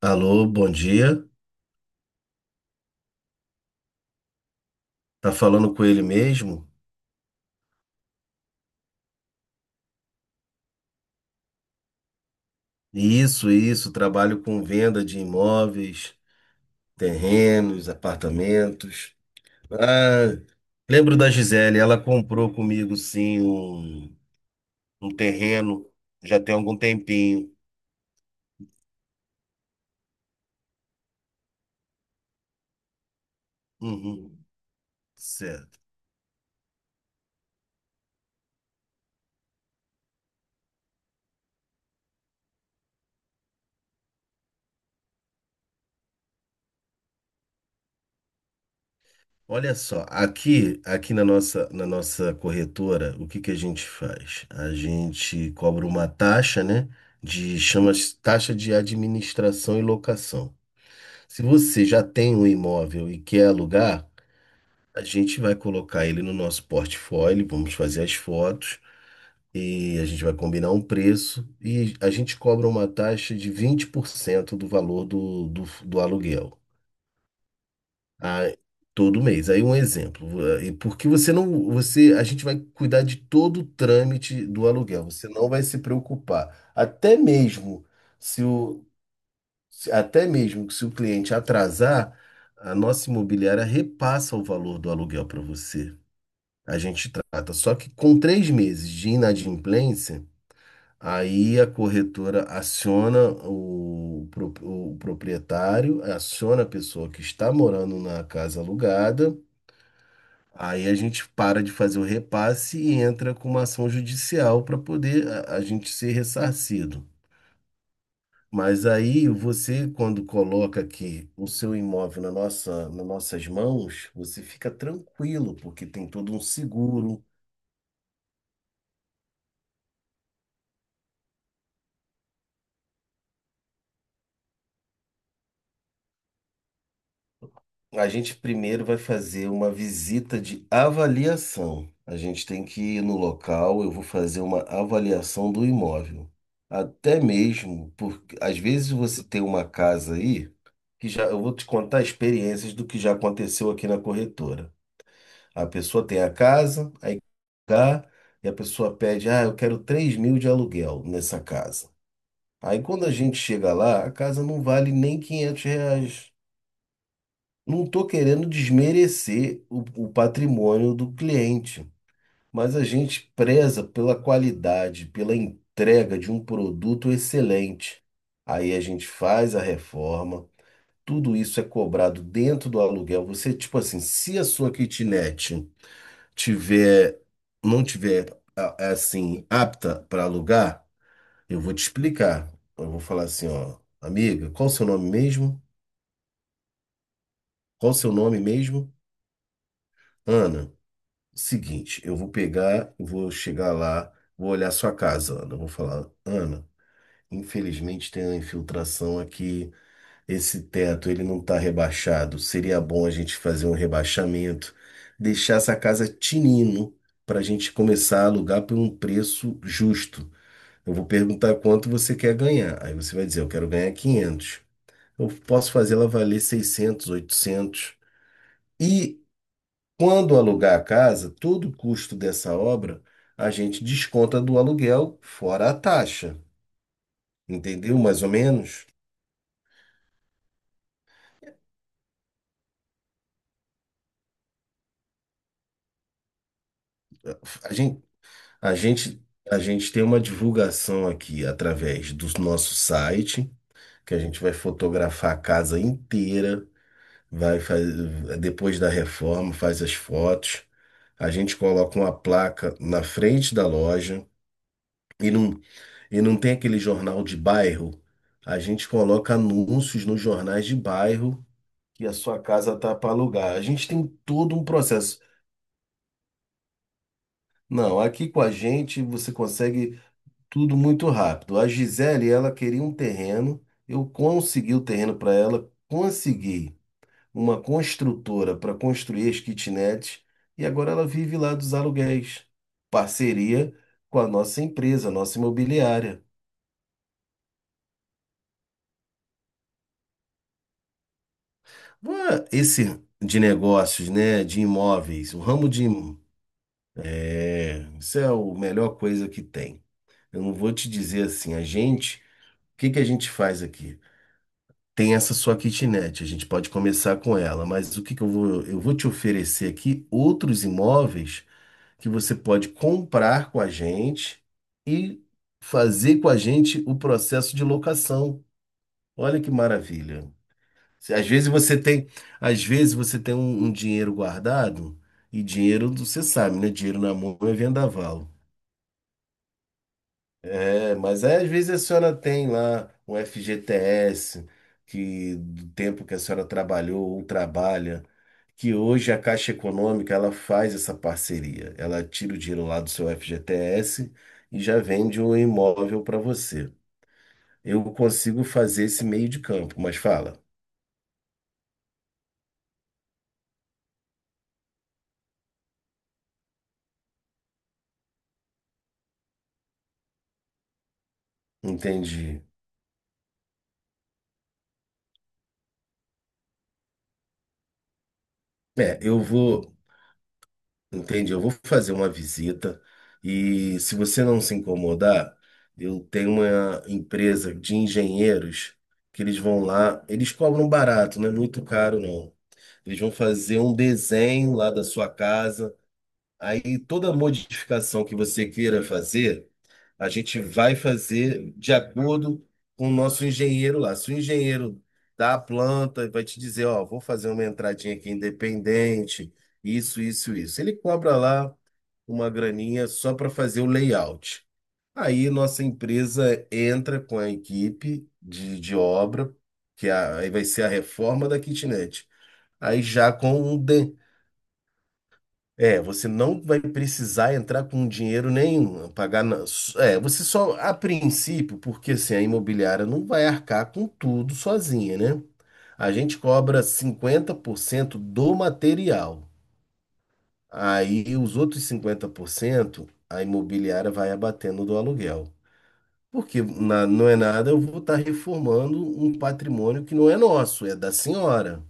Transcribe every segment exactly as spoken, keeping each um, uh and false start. Alô, bom dia. Tá falando com ele mesmo? Isso, isso. Trabalho com venda de imóveis, terrenos, apartamentos. Ah, lembro da Gisele. Ela comprou comigo, sim, um, um terreno já tem algum tempinho. Uhum, certo. Olha só, aqui, aqui na nossa, na nossa corretora, o que que a gente faz? A gente cobra uma taxa, né? De chama taxa de administração e locação. Se você já tem um imóvel e quer alugar, a gente vai colocar ele no nosso portfólio, vamos fazer as fotos e a gente vai combinar um preço e a gente cobra uma taxa de vinte por cento do valor do, do, do aluguel. Ah, todo mês. Aí um exemplo, eh, e porque você não, você, a gente vai cuidar de todo o trâmite do aluguel. Você não vai se preocupar. Até mesmo se o, se- até mesmo que se o cliente atrasar, a nossa imobiliária repassa o valor do aluguel para você. A gente trata. Só que com três meses de inadimplência, aí a corretora aciona o, pro- o proprietário, aciona a pessoa que está morando na casa alugada. Aí a gente para de fazer o repasse e entra com uma ação judicial para poder a, a gente ser ressarcido. Mas aí você, quando coloca aqui o seu imóvel na nossa, nas nossas mãos, você fica tranquilo, porque tem todo um seguro. A gente primeiro vai fazer uma visita de avaliação. A gente tem que ir no local, eu vou fazer uma avaliação do imóvel. Até mesmo, porque às vezes você tem uma casa aí, que já, eu vou te contar experiências do que já aconteceu aqui na corretora. A pessoa tem a casa, aí cá, e a pessoa pede, ah, eu quero três mil de aluguel nessa casa. Aí quando a gente chega lá, a casa não vale nem quinhentos reais. Não estou querendo desmerecer o, o patrimônio do cliente, mas a gente preza pela qualidade, pela entrega de um produto excelente. Aí a gente faz a reforma, tudo isso é cobrado dentro do aluguel. Você, tipo assim, se a sua kitnet tiver, não tiver a- é assim apta para alugar, eu vou te explicar. Eu vou falar assim, ó, amiga, qual o seu nome mesmo? Qual o seu nome mesmo? Ana, seguinte, eu vou pegar, vou chegar lá, vou olhar sua casa, Ana. Eu Vou falar, Ana, infelizmente tem uma infiltração aqui. Esse teto, ele não está rebaixado. Seria bom a gente fazer um rebaixamento, deixar essa casa tinino para a gente começar a alugar por um preço justo. Eu vou perguntar quanto você quer ganhar. Aí você vai dizer, eu quero ganhar quinhentos. Eu posso fazer ela valer seiscentos, oitocentos. E quando alugar a casa, todo o custo dessa obra a gente desconta do aluguel fora a taxa. Entendeu? Mais ou menos. A gente, a gente, a gente tem uma divulgação aqui através do nosso site, que a gente vai fotografar a casa inteira. Vai faz, depois da reforma, faz as fotos. A gente coloca uma placa na frente da loja e não, e não tem aquele jornal de bairro. A gente coloca anúncios nos jornais de bairro que a sua casa tá para alugar. A gente tem todo um processo. Não, aqui com a gente você consegue tudo muito rápido. A Gisele, ela queria um terreno, eu consegui o terreno para ela, consegui. uma construtora para construir as kitnets e agora ela vive lá dos aluguéis. Parceria com a nossa empresa, a nossa imobiliária. Ué, Esse de negócios, né, de imóveis, o ramo de im- é, isso é a melhor coisa que tem. Eu não vou te dizer assim, a gente, o que que a gente faz aqui? Tem essa sua kitnet, a gente pode começar com ela, mas o que que eu vou, eu vou te oferecer aqui outros imóveis que você pode comprar com a gente e fazer com a gente o processo de locação. Olha que maravilha. Se- Às vezes você tem, às vezes você tem um, um dinheiro guardado e dinheiro, você sabe, né? Dinheiro na mão é vendaval. É, mas aí, às vezes a senhora tem lá um F G T S que do tempo que a senhora trabalhou ou trabalha, que hoje a Caixa Econômica ela faz essa parceria. Ela tira o dinheiro lá do seu F G T S e já vende um imóvel para você. Eu consigo fazer esse meio de campo, mas fala, entendi. É, eu vou, entendi, eu vou fazer uma visita e se você não se incomodar, eu tenho uma empresa de engenheiros que eles vão lá, eles cobram barato, não é muito caro não. Eles vão fazer um desenho lá da sua casa Aí toda modificação que você queira fazer, a gente vai fazer de acordo com o nosso engenheiro lá. Se o engenheiro da planta vai te dizer, ó, vou fazer uma entradinha aqui independente, isso, isso, isso. Ele cobra lá uma graninha só para fazer o layout. Aí nossa empresa entra com a equipe de, de obra, que é a- aí vai ser a reforma da kitnet. Aí já com um, de- é, você não vai precisar entrar com dinheiro nenhum, pagar. na- É, você só, a princípio, porque assim, a imobiliária não vai arcar com tudo sozinha, né? A gente cobra cinquenta por cento do material. Aí os outros cinquenta por cento a imobiliária vai abatendo do aluguel. Porque na- não é nada, eu vou estar reformando um patrimônio que não é nosso, é da senhora.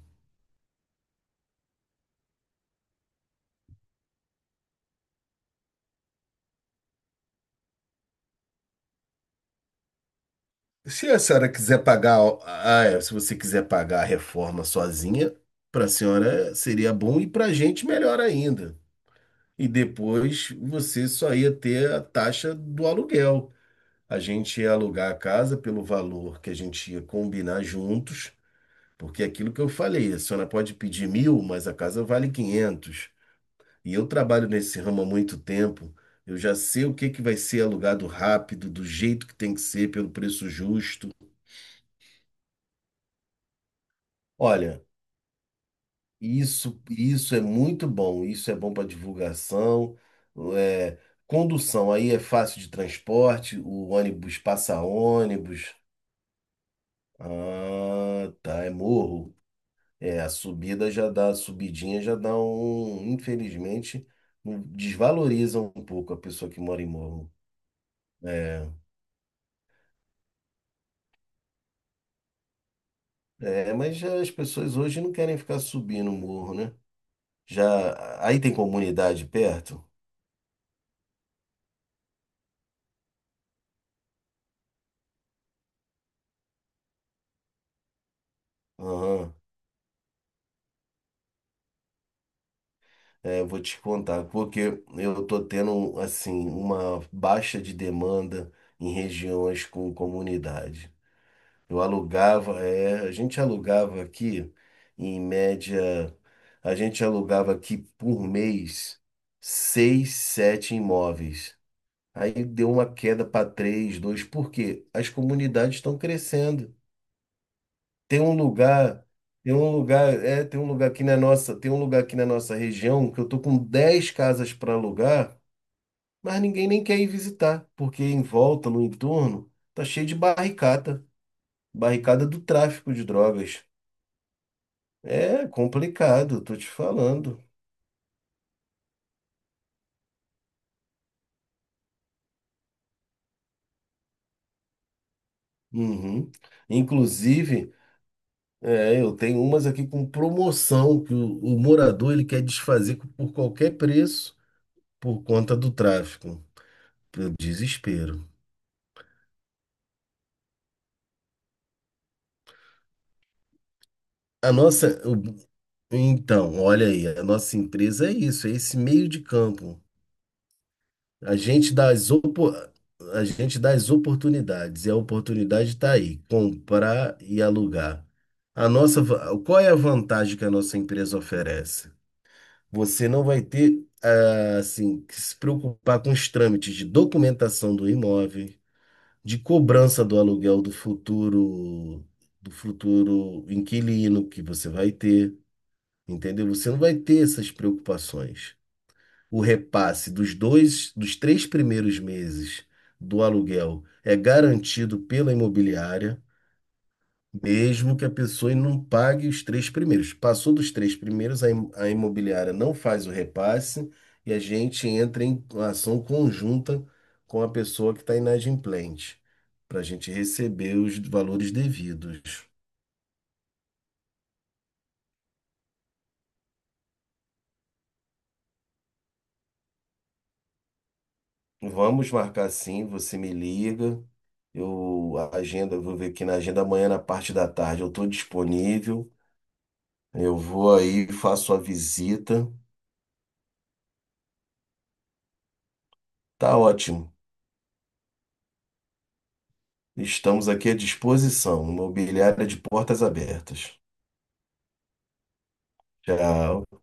Se a senhora quiser pagar, ah, é, se você quiser pagar a reforma sozinha, para a senhora seria bom e para a gente melhor ainda. E depois você só ia ter a taxa do aluguel. A gente ia alugar a casa pelo valor que a gente ia combinar juntos, porque é aquilo que eu falei, a senhora pode pedir mil, mas a casa vale quinhentos. E eu trabalho nesse ramo há muito tempo, eu já sei o que que vai ser alugado rápido, do jeito que tem que ser, pelo preço justo. Olha, Isso, isso é muito bom, isso é bom para divulgação. é, condução aí é fácil de transporte, o ônibus passa ônibus. Ah, tá, é morro. É, a subida já dá, a subidinha já dá um, infelizmente, um- desvaloriza um pouco a pessoa que mora em morro. É, é, mas já as pessoas hoje não querem ficar subindo o morro, né? Já aí tem comunidade perto? Aham. É, eu vou te contar, porque eu tô tendo, assim, uma baixa de demanda em regiões com comunidade. Eu alugava, é, a gente alugava aqui, em média, a gente alugava aqui por mês seis, sete imóveis. Aí deu uma queda para três, dois, porque as comunidades estão crescendo. Tem um lugar, tem um lugar, é, tem um lugar aqui na nossa, tem um lugar aqui na nossa região que eu tô com dez casas para alugar, mas ninguém nem quer ir visitar, porque em volta, no entorno, tá cheio de barricada, barricada do tráfico de drogas. É complicado, tô te falando. Uhum. Inclusive, é, eu tenho umas aqui com promoção que o, o morador ele quer desfazer por qualquer preço por conta do tráfico. Eu desespero. A nossa, Então, olha aí, a nossa empresa é isso, é esse meio de campo. A gente dá as, opo- a gente dá as oportunidades, e a oportunidade está aí, comprar e alugar. A nossa, va- qual é a vantagem que a nossa empresa oferece? Você não vai ter, ah, assim, que se preocupar com os trâmites de documentação do imóvel, de cobrança do aluguel do futuro, do futuro inquilino que você vai ter entendeu? Você não vai ter essas preocupações. O repasse dos dois, dos três primeiros meses do aluguel é garantido pela imobiliária, mesmo que a pessoa não pague os três primeiros. Passou dos três primeiros, a im- a imobiliária não faz o repasse e a gente entra em ação conjunta com a pessoa que está inadimplente, para a gente receber os valores devidos. Vamos marcar sim, você me liga. Eu a agenda, eu vou ver aqui na agenda amanhã na parte da tarde. Eu estou disponível. Eu vou aí, faço a visita. Tá ótimo. Estamos aqui à disposição. Imobiliária de portas abertas. Tchau.